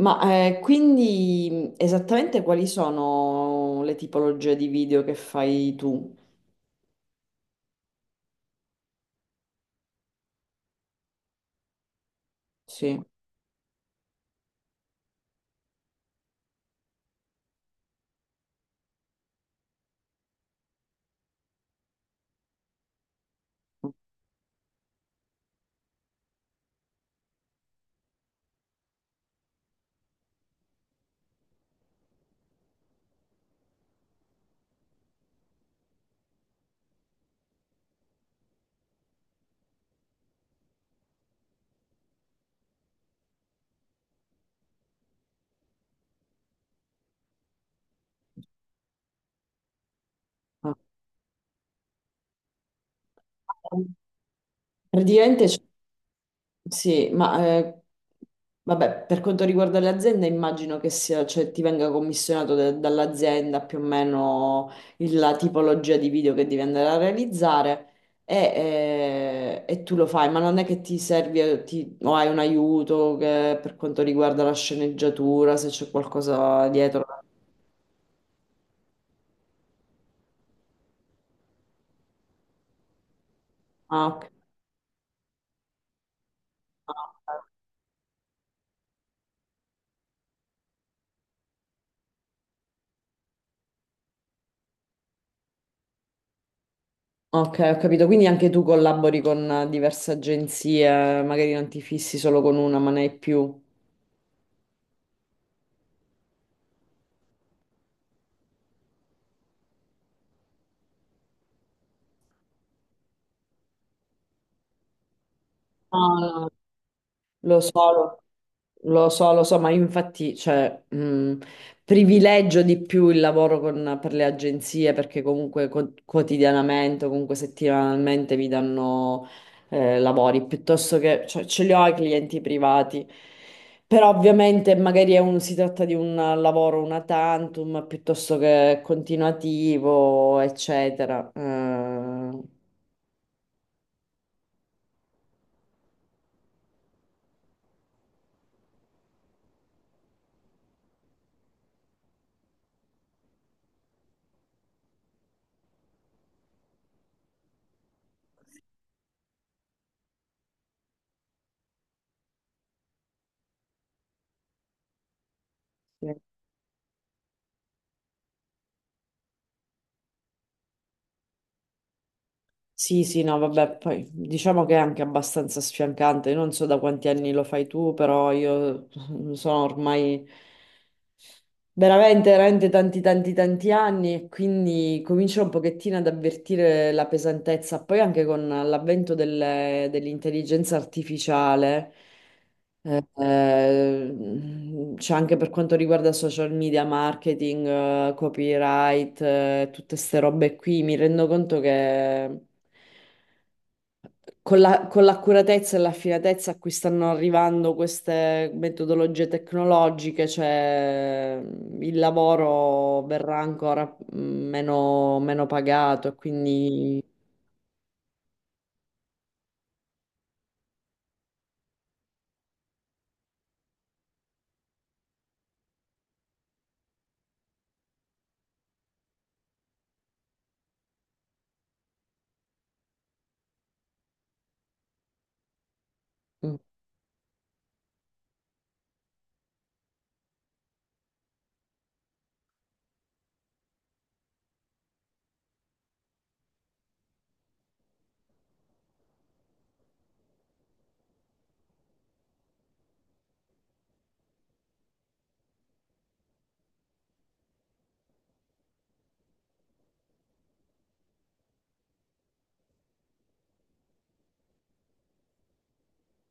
Ma esattamente quali sono le tipologie di video che fai tu? Sì. Ah. Praticamente sì, ma eh, vabbè, per quanto riguarda le aziende, immagino che sia, cioè, ti venga commissionato dall'azienda più o meno la tipologia di video che devi andare a realizzare e tu lo fai, ma non è che ti servi o hai un aiuto per quanto riguarda la sceneggiatura, se c'è qualcosa dietro. Ah, ok. Ok, ho capito. Quindi anche tu collabori con diverse agenzie, magari non ti fissi solo con una, ma ne hai più. Ah, no. Lo so. Lo so, ma infatti, cioè, privilegio di più il lavoro per le agenzie perché comunque quotidianamente, o comunque settimanalmente mi danno lavori piuttosto che, cioè, ce li ho ai clienti privati. Però ovviamente magari è si tratta di un lavoro una tantum piuttosto che continuativo, eccetera. Eh, Sì, sì, no, vabbè, poi diciamo che è anche abbastanza sfiancante. Io non so da quanti anni lo fai tu, però io sono ormai. Veramente, veramente tanti anni e quindi comincio un pochettino ad avvertire la pesantezza. Poi anche con l'avvento dell'intelligenza artificiale, c'è anche per quanto riguarda social media, marketing, copyright, tutte queste robe qui, mi rendo conto che con con l'accuratezza e l'affinatezza a cui stanno arrivando queste metodologie tecnologiche, cioè il lavoro verrà ancora meno pagato, e quindi mh,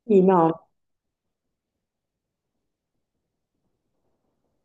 sì, no.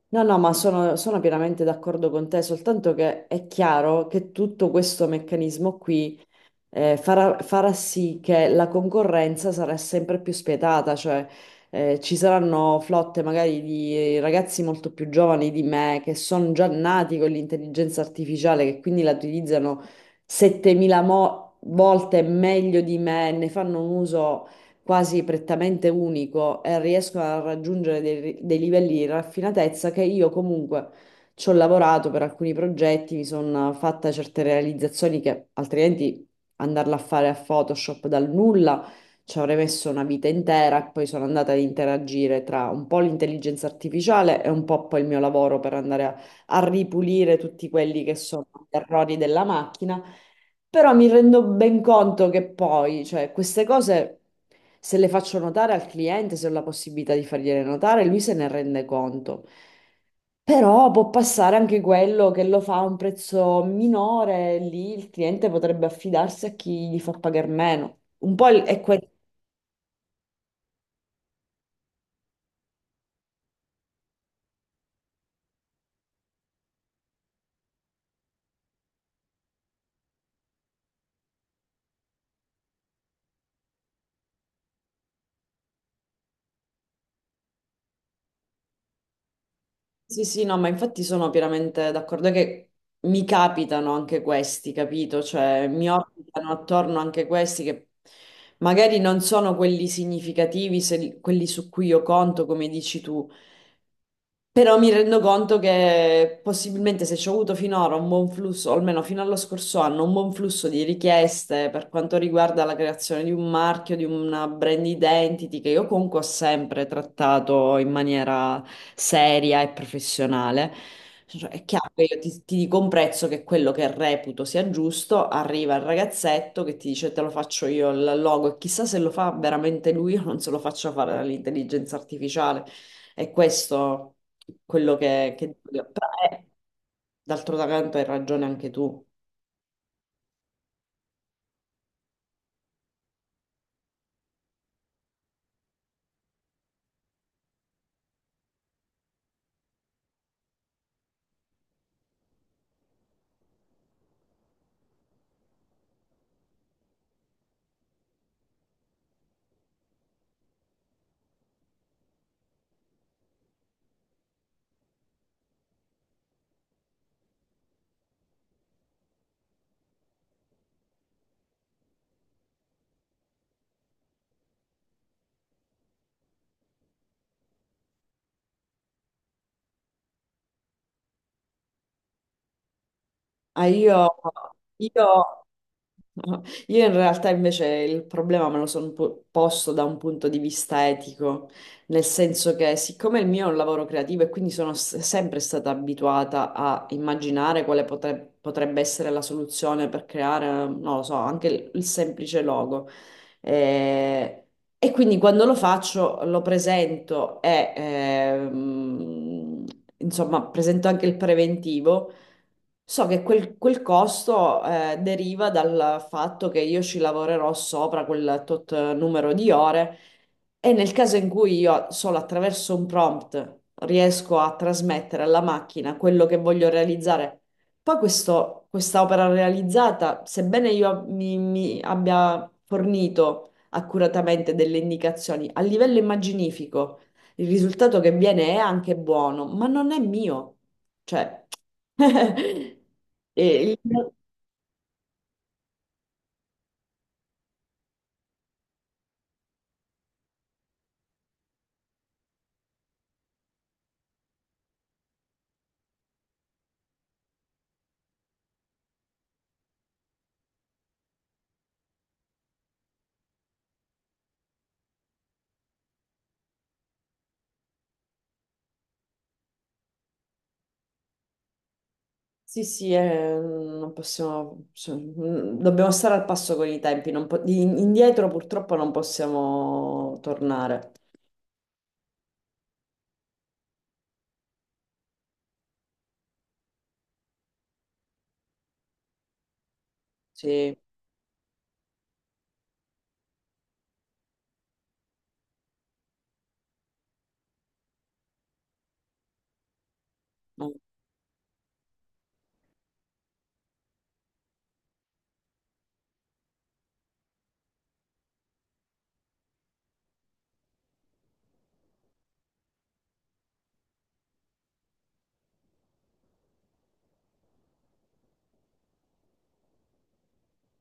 No, no, ma sono pienamente d'accordo con te, soltanto che è chiaro che tutto questo meccanismo qui farà sì che la concorrenza sarà sempre più spietata, cioè ci saranno flotte magari di ragazzi molto più giovani di me che sono già nati con l'intelligenza artificiale, che quindi la utilizzano 7.000 volte meglio di me, ne fanno un uso quasi prettamente unico e riescono a raggiungere dei livelli di raffinatezza che io comunque... Ci ho lavorato per alcuni progetti, mi sono fatta certe realizzazioni che altrimenti andarla a fare a Photoshop dal nulla ci avrei messo una vita intera e poi sono andata ad interagire tra un po' l'intelligenza artificiale e un po' poi il mio lavoro per andare a ripulire tutti quelli che sono gli errori della macchina, però mi rendo ben conto che poi, cioè, queste cose, se le faccio notare al cliente, se ho la possibilità di fargliele notare, lui se ne rende conto. Però può passare anche quello che lo fa a un prezzo minore, lì il cliente potrebbe affidarsi a chi gli fa pagare meno. Un po' è. Mm. Questo sì, sì, no, ma infatti sono pienamente d'accordo è che mi capitano anche questi, capito? Cioè, mi orbitano attorno anche questi che magari non sono quelli significativi, quelli su cui io conto, come dici tu, però mi rendo conto che possibilmente se ci ho avuto finora un buon flusso, o almeno fino allo scorso anno, un buon flusso di richieste per quanto riguarda la creazione di un marchio, di una brand identity, che io comunque ho sempre trattato in maniera seria e professionale. Cioè, è chiaro che io ti dico un prezzo che è quello che reputo sia giusto, arriva il ragazzetto che ti dice te lo faccio io il logo e chissà se lo fa veramente lui o non se lo faccio fare dall'intelligenza artificiale. E questo quello che dico io. Però, d'altro canto hai ragione anche tu. Ah, io, io- io in realtà invece il problema me lo sono posto da un punto di vista etico, nel senso che siccome il mio è un lavoro creativo e quindi sono sempre stata abituata a immaginare quale potrebbe essere la soluzione per creare, non lo so, anche il semplice logo. Eh, E quindi quando lo faccio lo presento e insomma presento anche il preventivo. So che quel costo deriva dal fatto che io ci lavorerò sopra quel tot numero di ore e nel caso in cui io solo attraverso un prompt riesco a trasmettere alla macchina quello che voglio realizzare, poi questa opera realizzata, sebbene io mi abbia fornito accuratamente delle indicazioni a livello immaginifico, il risultato che viene è anche buono, ma non è mio. Cioè, e il- sì, sì, non possiamo, dobbiamo stare al passo con i tempi, non po- in- indietro purtroppo non possiamo tornare. Sì. No,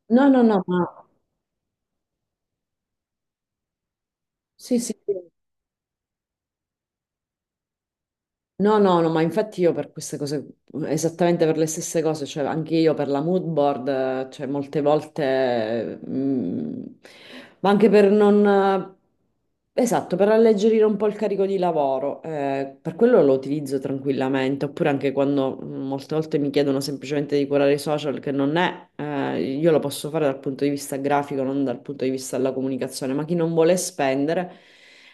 no, no, no, ma sì, sì. Sì. No, no, no, ma infatti io per queste cose, esattamente per le stesse cose, cioè anche io per la mood board, cioè molte volte, ma anche per non, esatto, per alleggerire un po' il carico di lavoro, per quello lo utilizzo tranquillamente, oppure anche quando molte volte mi chiedono semplicemente di curare i social, che non è, io lo posso fare dal punto di vista grafico, non dal punto di vista della comunicazione, ma chi non vuole spendere...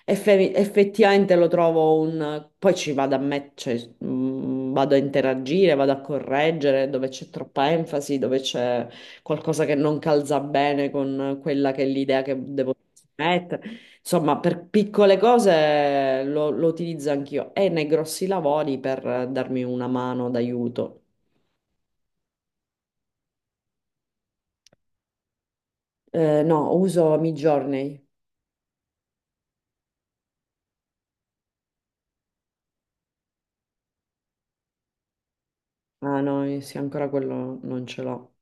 Effettivamente lo trovo un... Poi ci vado a cioè, vado a interagire, vado a correggere dove c'è troppa enfasi, dove c'è qualcosa che non calza bene con quella che è l'idea che devo mettere. Insomma, per piccole cose lo utilizzo anch'io e nei grossi lavori per darmi una mano d'aiuto. No, uso Midjourney. Ah no, sì, ancora quello non ce l'ho.